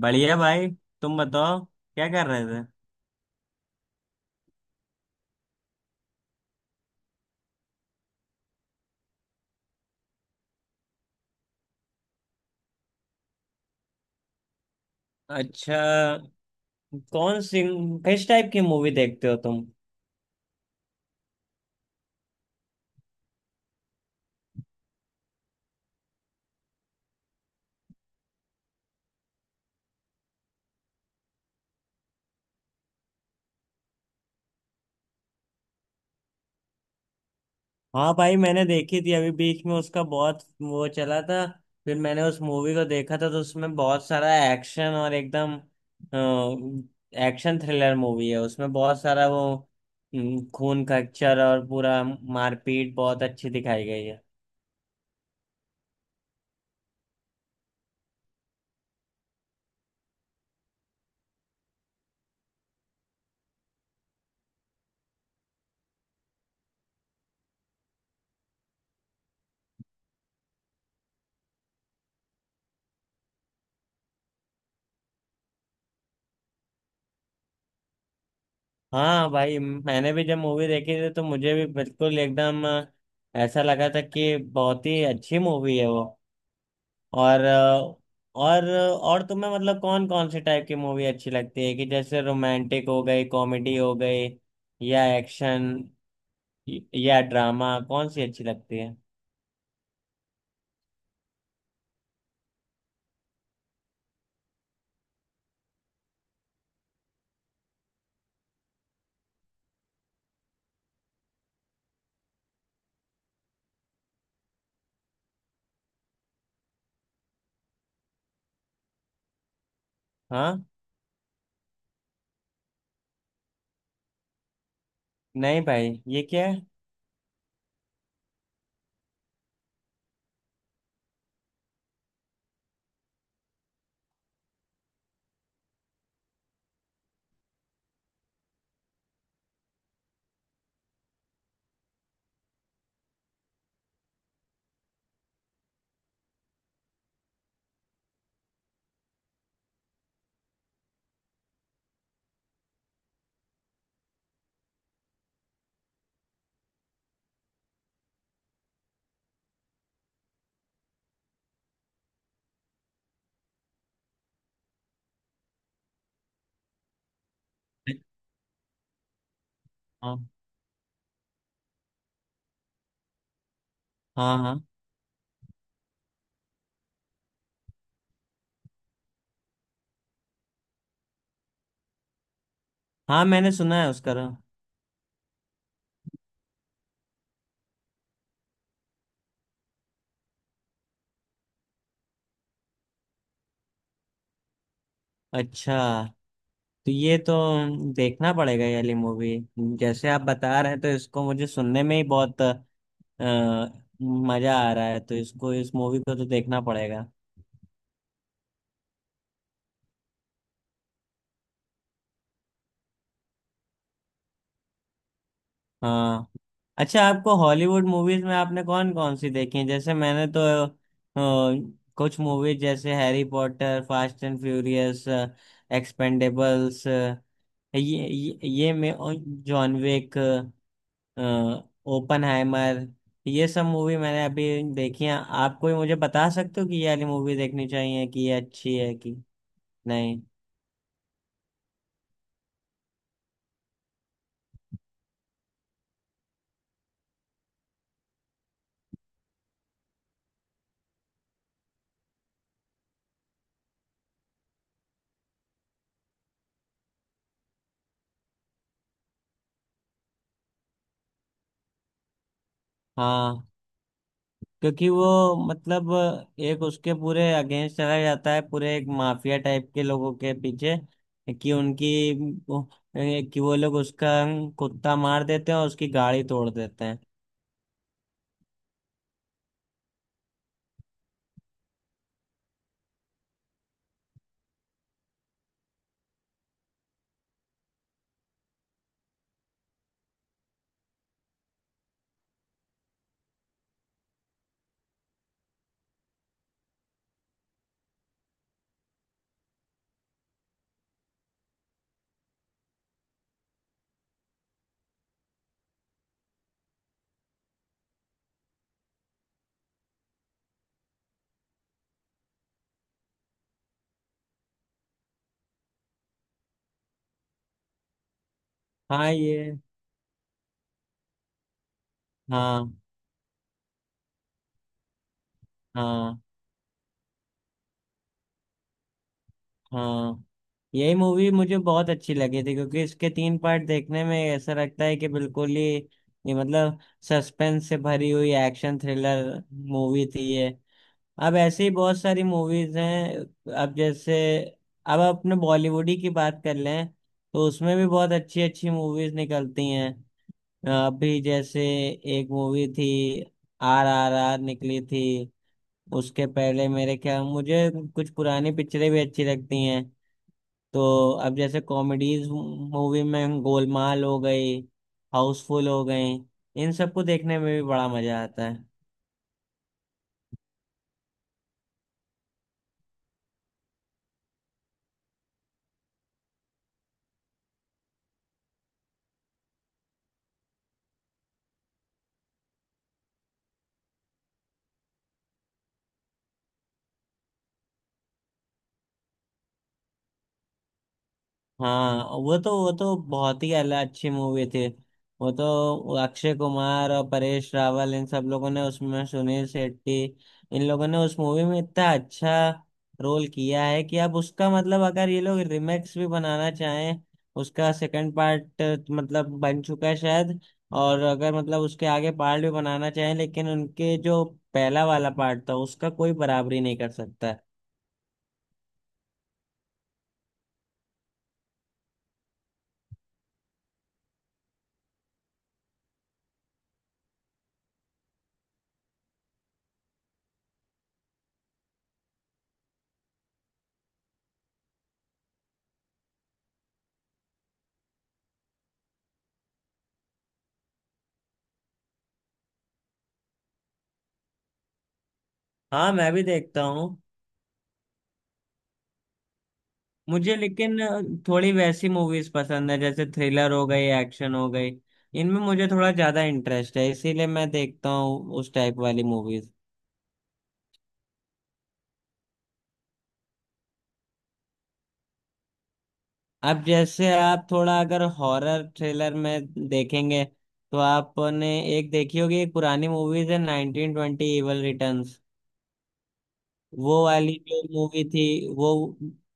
बढ़िया भाई। तुम बताओ, क्या कर रहे थे? अच्छा, कौन सी? किस टाइप की मूवी देखते हो तुम? हाँ भाई, मैंने देखी थी। अभी बीच में उसका बहुत वो चला था, फिर मैंने उस मूवी को देखा था। तो उसमें बहुत सारा एक्शन, और एकदम एक्शन थ्रिलर मूवी है। उसमें बहुत सारा वो खून खच्चर और पूरा मारपीट बहुत अच्छी दिखाई गई है। हाँ भाई, मैंने भी जब मूवी देखी थी तो मुझे भी बिल्कुल एकदम ऐसा लगा था कि बहुत ही अच्छी मूवी है वो। और और तुम्हें मतलब कौन कौन से टाइप की मूवी अच्छी लगती है, कि जैसे रोमांटिक हो गई, कॉमेडी हो गई, या एक्शन या ड्रामा, कौन सी अच्छी लगती है? हाँ। नहीं भाई, ये क्या है? हाँ हाँ हाँ। हाँ, मैंने सुना है उसका नाम। अच्छा, तो ये तो देखना पड़ेगा, ये वाली मूवी। जैसे आप बता रहे हैं तो इसको मुझे सुनने में ही बहुत मजा आ रहा है, तो इसको, इस मूवी को तो देखना पड़ेगा। हाँ। अच्छा, आपको हॉलीवुड मूवीज में आपने कौन कौन सी देखी है? जैसे मैंने तो अ, कुछ मूवीज जैसे Harry Potter, Fast and Furious, Expendables, ये ये मैं, और जॉन विक, ओपनहाइमर, ये सब मूवी मैंने अभी देखी हैं। आप कोई मुझे बता सकते हो कि ये वाली मूवी देखनी चाहिए कि ये अच्छी है कि नहीं? हाँ, क्योंकि वो मतलब एक उसके पूरे अगेंस्ट चला जाता है, पूरे एक माफिया टाइप के लोगों के पीछे, कि उनकी वो- कि वो लोग उसका कुत्ता मार देते हैं और उसकी गाड़ी तोड़ देते हैं। हाँ ये। हाँ हाँ। हाँ, यही मूवी मुझे बहुत अच्छी लगी थी, क्योंकि इसके 3 पार्ट देखने में ऐसा लगता है कि बिल्कुल ही ये मतलब सस्पेंस से भरी हुई एक्शन थ्रिलर मूवी थी ये। अब ऐसी ही बहुत सारी मूवीज हैं। अब जैसे, अब अपने बॉलीवुड ही की बात कर लें तो उसमें भी बहुत अच्छी अच्छी मूवीज निकलती हैं। अभी जैसे एक मूवी थी, RRR निकली थी। उसके पहले मेरे ख्याल, मुझे कुछ पुरानी पिक्चरें भी अच्छी लगती हैं। तो अब जैसे कॉमेडीज मूवी में गोलमाल हो गई, हाउसफुल हो गई, इन सबको देखने में भी बड़ा मजा आता है। हाँ, वो तो बहुत ही अच्छी मूवी थी। वो तो अक्षय कुमार और परेश रावल, इन सब लोगों ने उसमें, सुनील शेट्टी, इन लोगों ने उस मूवी में इतना अच्छा रोल किया है कि अब उसका मतलब, अगर ये लोग रिमेक्स भी बनाना चाहें, उसका सेकंड पार्ट मतलब बन चुका है शायद, और अगर मतलब उसके आगे पार्ट भी बनाना चाहें, लेकिन उनके जो पहला वाला पार्ट था उसका कोई बराबरी नहीं कर सकता है। हाँ, मैं भी देखता हूँ। मुझे लेकिन थोड़ी वैसी मूवीज पसंद है, जैसे थ्रिलर हो गई, एक्शन हो गई। इनमें मुझे थोड़ा ज्यादा इंटरेस्ट है, इसीलिए मैं देखता हूँ उस टाइप वाली मूवीज। अब जैसे आप थोड़ा अगर हॉरर थ्रिलर में देखेंगे तो आपने एक देखी होगी, एक पुरानी मूवीज है, 1920 इवल रिटर्न्स। वो वाली जो मूवी थी वो,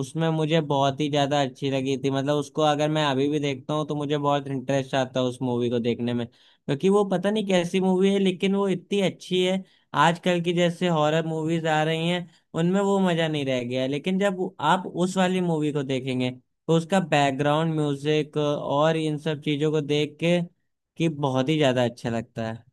उसमें मुझे बहुत ही ज्यादा अच्छी लगी थी। मतलब उसको अगर मैं अभी भी देखता हूँ तो मुझे बहुत इंटरेस्ट आता है उस मूवी को देखने में, क्योंकि वो पता नहीं कैसी मूवी है, लेकिन वो इतनी अच्छी है। आजकल की जैसे हॉरर मूवीज आ रही हैं, उनमें वो मजा नहीं रह गया है। लेकिन जब आप उस वाली मूवी को देखेंगे तो उसका बैकग्राउंड म्यूजिक और इन सब चीजों को देख के, कि बहुत ही ज्यादा अच्छा लगता है।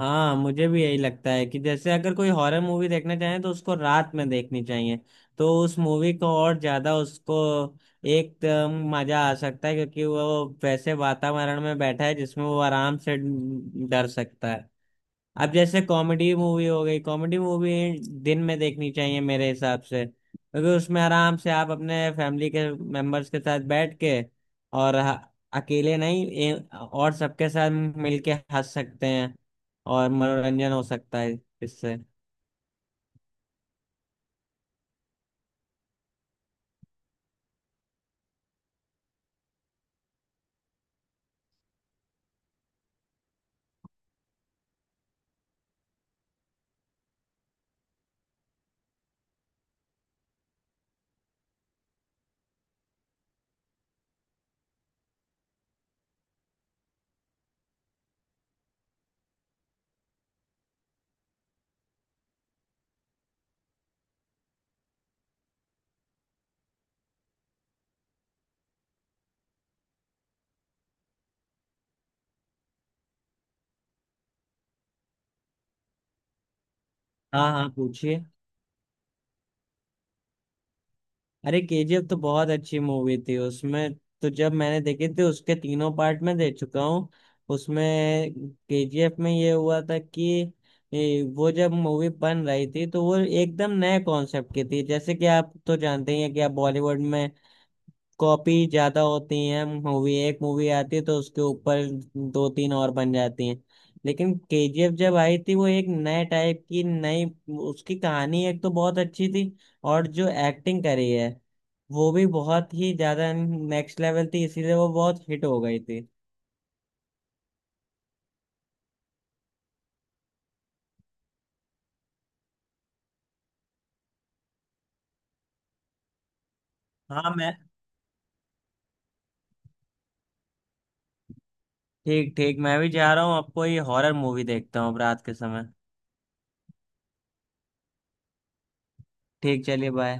हाँ, मुझे भी यही लगता है कि जैसे अगर कोई हॉरर मूवी देखना चाहे तो उसको रात में देखनी चाहिए। तो उस मूवी को और ज्यादा, उसको एक मजा आ सकता है, क्योंकि वो वैसे वातावरण में बैठा है जिसमें वो आराम से डर सकता है। अब जैसे कॉमेडी मूवी हो गई, कॉमेडी मूवी दिन में देखनी चाहिए मेरे हिसाब से, क्योंकि उसमें आराम से आप अपने फैमिली के मेंबर्स के साथ बैठ के, और ह- अकेले नहीं, और सबके साथ मिलके हंस सकते हैं, और मनोरंजन हो सकता है इससे। हाँ हाँ, पूछिए। अरे, KGF तो बहुत अच्छी मूवी थी। उसमें, तो जब मैंने देखी थी, उसके तीनों पार्ट में देख चुका हूँ। उसमें KGF में ये हुआ था कि ये वो जब मूवी बन रही थी तो वो एकदम नए कॉन्सेप्ट की थी, जैसे कि आप तो जानते ही हैं कि आप बॉलीवुड में कॉपी ज्यादा होती है। मूवी, एक मूवी आती है तो उसके ऊपर दो तीन और बन जाती हैं। लेकिन KGF जब आई थी, वो एक नए टाइप की, नई, उसकी कहानी एक तो बहुत अच्छी थी, और जो एक्टिंग करी है वो भी बहुत ही ज्यादा नेक्स्ट लेवल थी, इसीलिए वो बहुत हिट हो गई थी। हाँ, मैं, ठीक ठीक, मैं भी जा रहा हूँ अब। कोई हॉरर मूवी देखता हूँ अब रात के समय। ठीक, चलिए बाय।